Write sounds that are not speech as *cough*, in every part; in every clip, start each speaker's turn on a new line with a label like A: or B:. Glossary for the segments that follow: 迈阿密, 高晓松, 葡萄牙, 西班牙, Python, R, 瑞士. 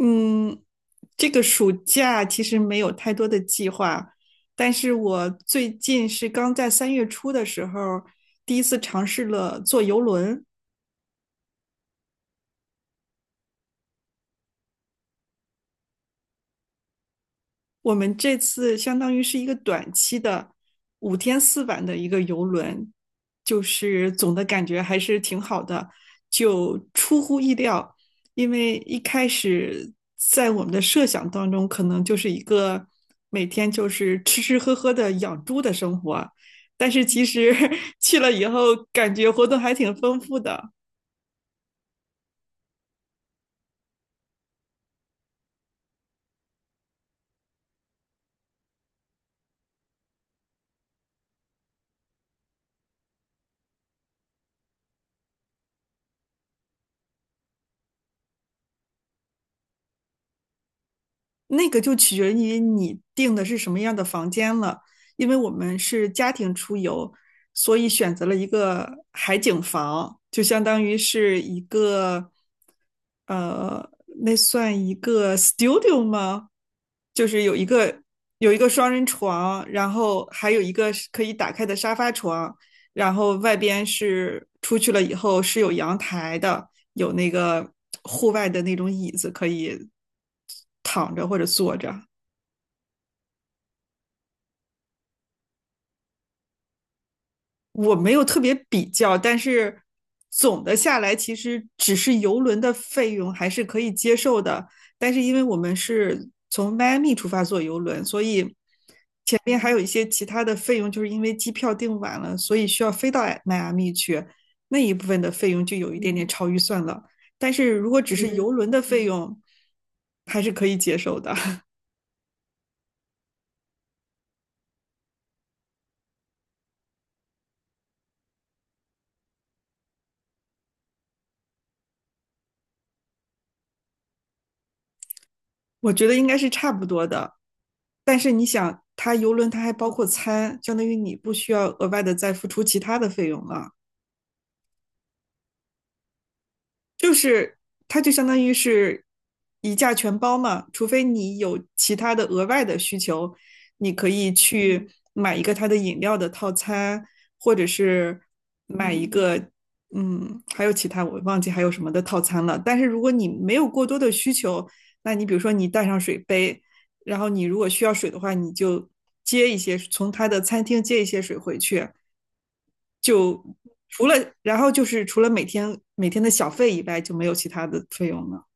A: 嗯，这个暑假其实没有太多的计划，但是我最近是刚在3月初的时候第一次尝试了坐游轮。我们这次相当于是一个短期的五天四晚的一个游轮，就是总的感觉还是挺好的，就出乎意料，因为一开始在我们的设想当中，可能就是一个每天就是吃吃喝喝的养猪的生活，但是其实 *laughs* 去了以后，感觉活动还挺丰富的。那个就取决于你订的是什么样的房间了，因为我们是家庭出游，所以选择了一个海景房，就相当于是一个，呃，那算一个 studio 吗？就是有一个双人床，然后还有一个是可以打开的沙发床，然后外边是出去了以后是有阳台的，有那个户外的那种椅子可以躺着或者坐着。我没有特别比较，但是总的下来，其实只是游轮的费用还是可以接受的。但是因为我们是从迈阿密出发坐游轮，所以前面还有一些其他的费用，就是因为机票订晚了，所以需要飞到迈阿密去，那一部分的费用就有一点点超预算了。但是如果只是游轮的费用，还是可以接受的。我觉得应该是差不多的。但是你想，它游轮它还包括餐，相当于你不需要额外的再付出其他的费用了。就是它就相当于是一价全包嘛，除非你有其他的额外的需求，你可以去买一个它的饮料的套餐，或者是买一个还有其他我忘记还有什么的套餐了。但是如果你没有过多的需求，那你比如说你带上水杯，然后你如果需要水的话，你就接一些从他的餐厅接一些水回去。就除了然后就是除了每天的小费以外，就没有其他的费用了。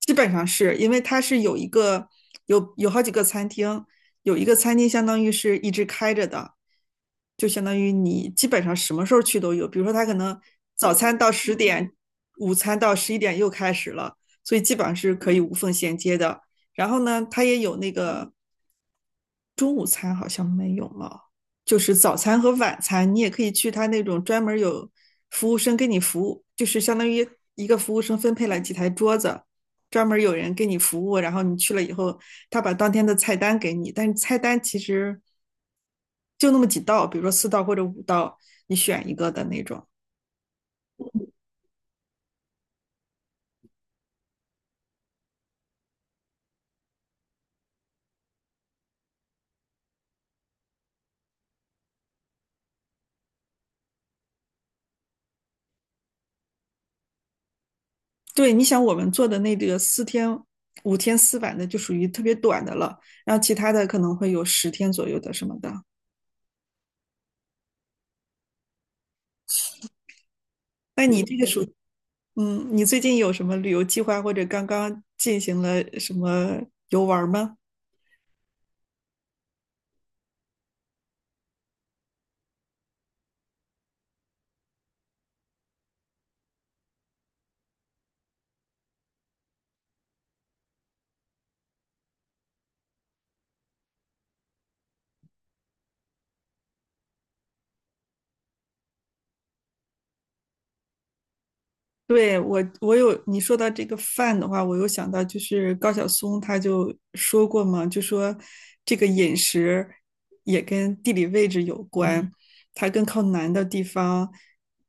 A: 基本上是因为它是有好几个餐厅，有一个餐厅相当于是一直开着的，就相当于你基本上什么时候去都有。比如说，它可能早餐到10点，午餐到11点又开始了，所以基本上是可以无缝衔接的。然后呢，它也有那个中午餐好像没有了，就是早餐和晚餐，你也可以去它那种专门有服务生给你服务，就是相当于一个服务生分配了几台桌子。专门有人给你服务，然后你去了以后，他把当天的菜单给你，但是菜单其实就那么几道，比如说4道或者5道，你选一个的那种。对，你想我们做的那个五天四晚的就属于特别短的了，然后其他的可能会有10天左右的什么的。那你这个属，嗯，你最近有什么旅游计划或者刚刚进行了什么游玩吗？对，我，我有你说到这个饭的话，我又想到就是高晓松他就说过嘛，就说这个饮食也跟地理位置有关，它更靠南的地方，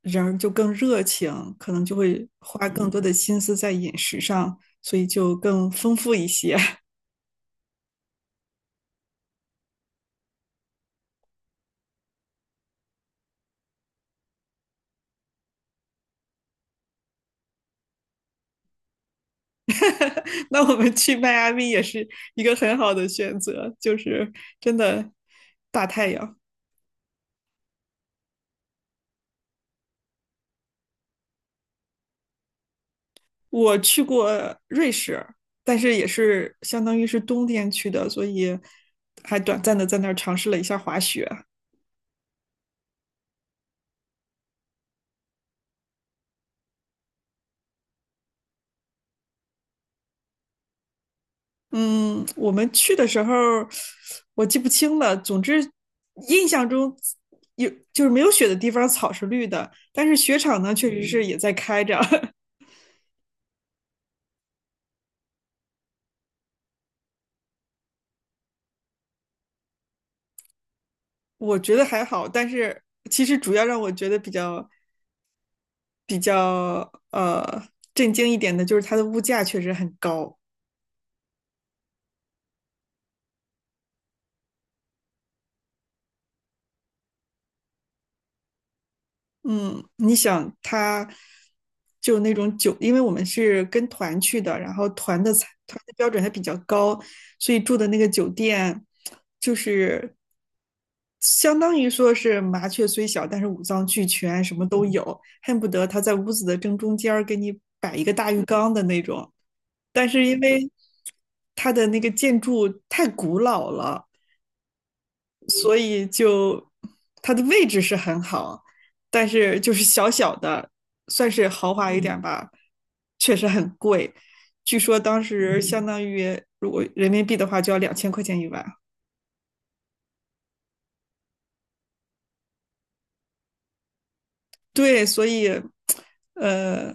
A: 人儿就更热情，可能就会花更多的心思在饮食上，所以就更丰富一些。*laughs* 那我们去迈阿密也是一个很好的选择，就是真的大太阳。我去过瑞士，但是也是相当于是冬天去的，所以还短暂的在那儿尝试了一下滑雪。嗯，我们去的时候我记不清了，总之印象中就是没有雪的地方草是绿的，但是雪场呢确实是也在开着。*laughs* 我觉得还好。但是其实主要让我觉得比较震惊一点的就是它的物价确实很高。嗯，你想他就那种酒，因为我们是跟团去的，然后团的标准还比较高，所以住的那个酒店就是相当于说是麻雀虽小，但是五脏俱全，什么都有，恨不得他在屋子的正中间儿给你摆一个大浴缸的那种。但是因为它的那个建筑太古老了，所以就它的位置是很好，但是就是小小的，算是豪华一点吧，确实很贵。据说当时相当于如果人民币的话，就要2000块钱一晚。对，所以呃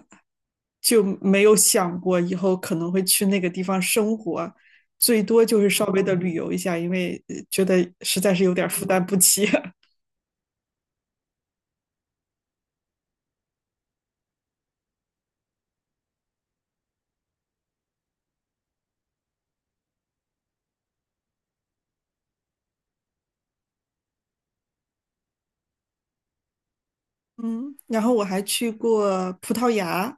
A: 就没有想过以后可能会去那个地方生活，最多就是稍微的旅游一下，因为觉得实在是有点负担不起。*laughs* 嗯，然后我还去过葡萄牙。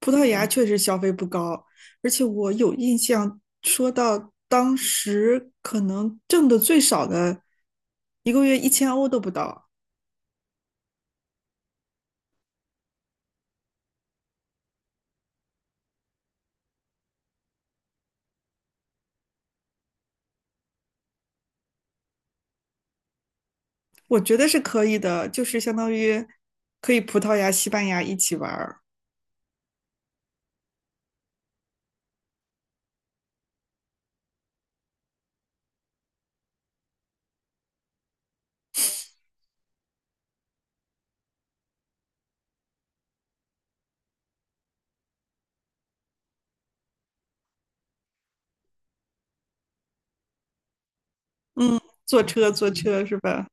A: 葡萄牙确实消费不高，而且我有印象，说到当时可能挣的最少的，一个月1000欧都不到。我觉得是可以的，就是相当于可以葡萄牙、西班牙一起玩儿。坐车坐车是吧？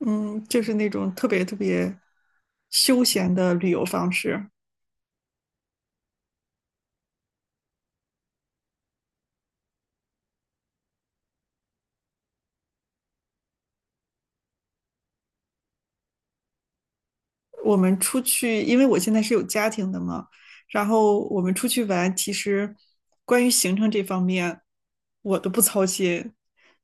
A: 嗯，就是那种特别特别休闲的旅游方式。我们出去，因为我现在是有家庭的嘛，然后我们出去玩，其实关于行程这方面，我都不操心，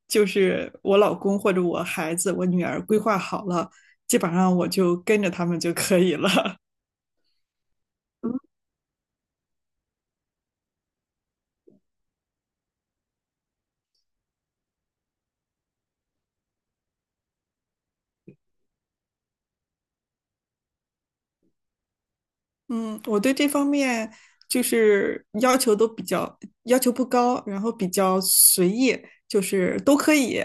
A: 就是我老公或者我孩子、我女儿规划好了，基本上我就跟着他们就可以了。*laughs* 嗯，我对这方面就是要求不高，然后比较随意，就是都可以。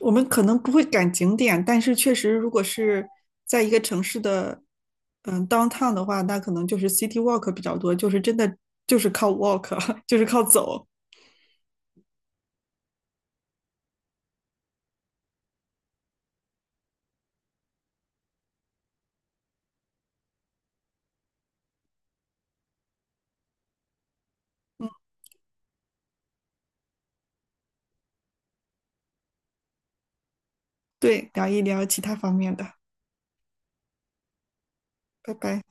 A: 我们可能不会赶景点，但是确实，如果是在一个城市的，downtown 的话，那可能就是 city walk 比较多，就是真的就是靠 walk，*laughs* 就是靠走。对，聊一聊其他方面的，拜拜。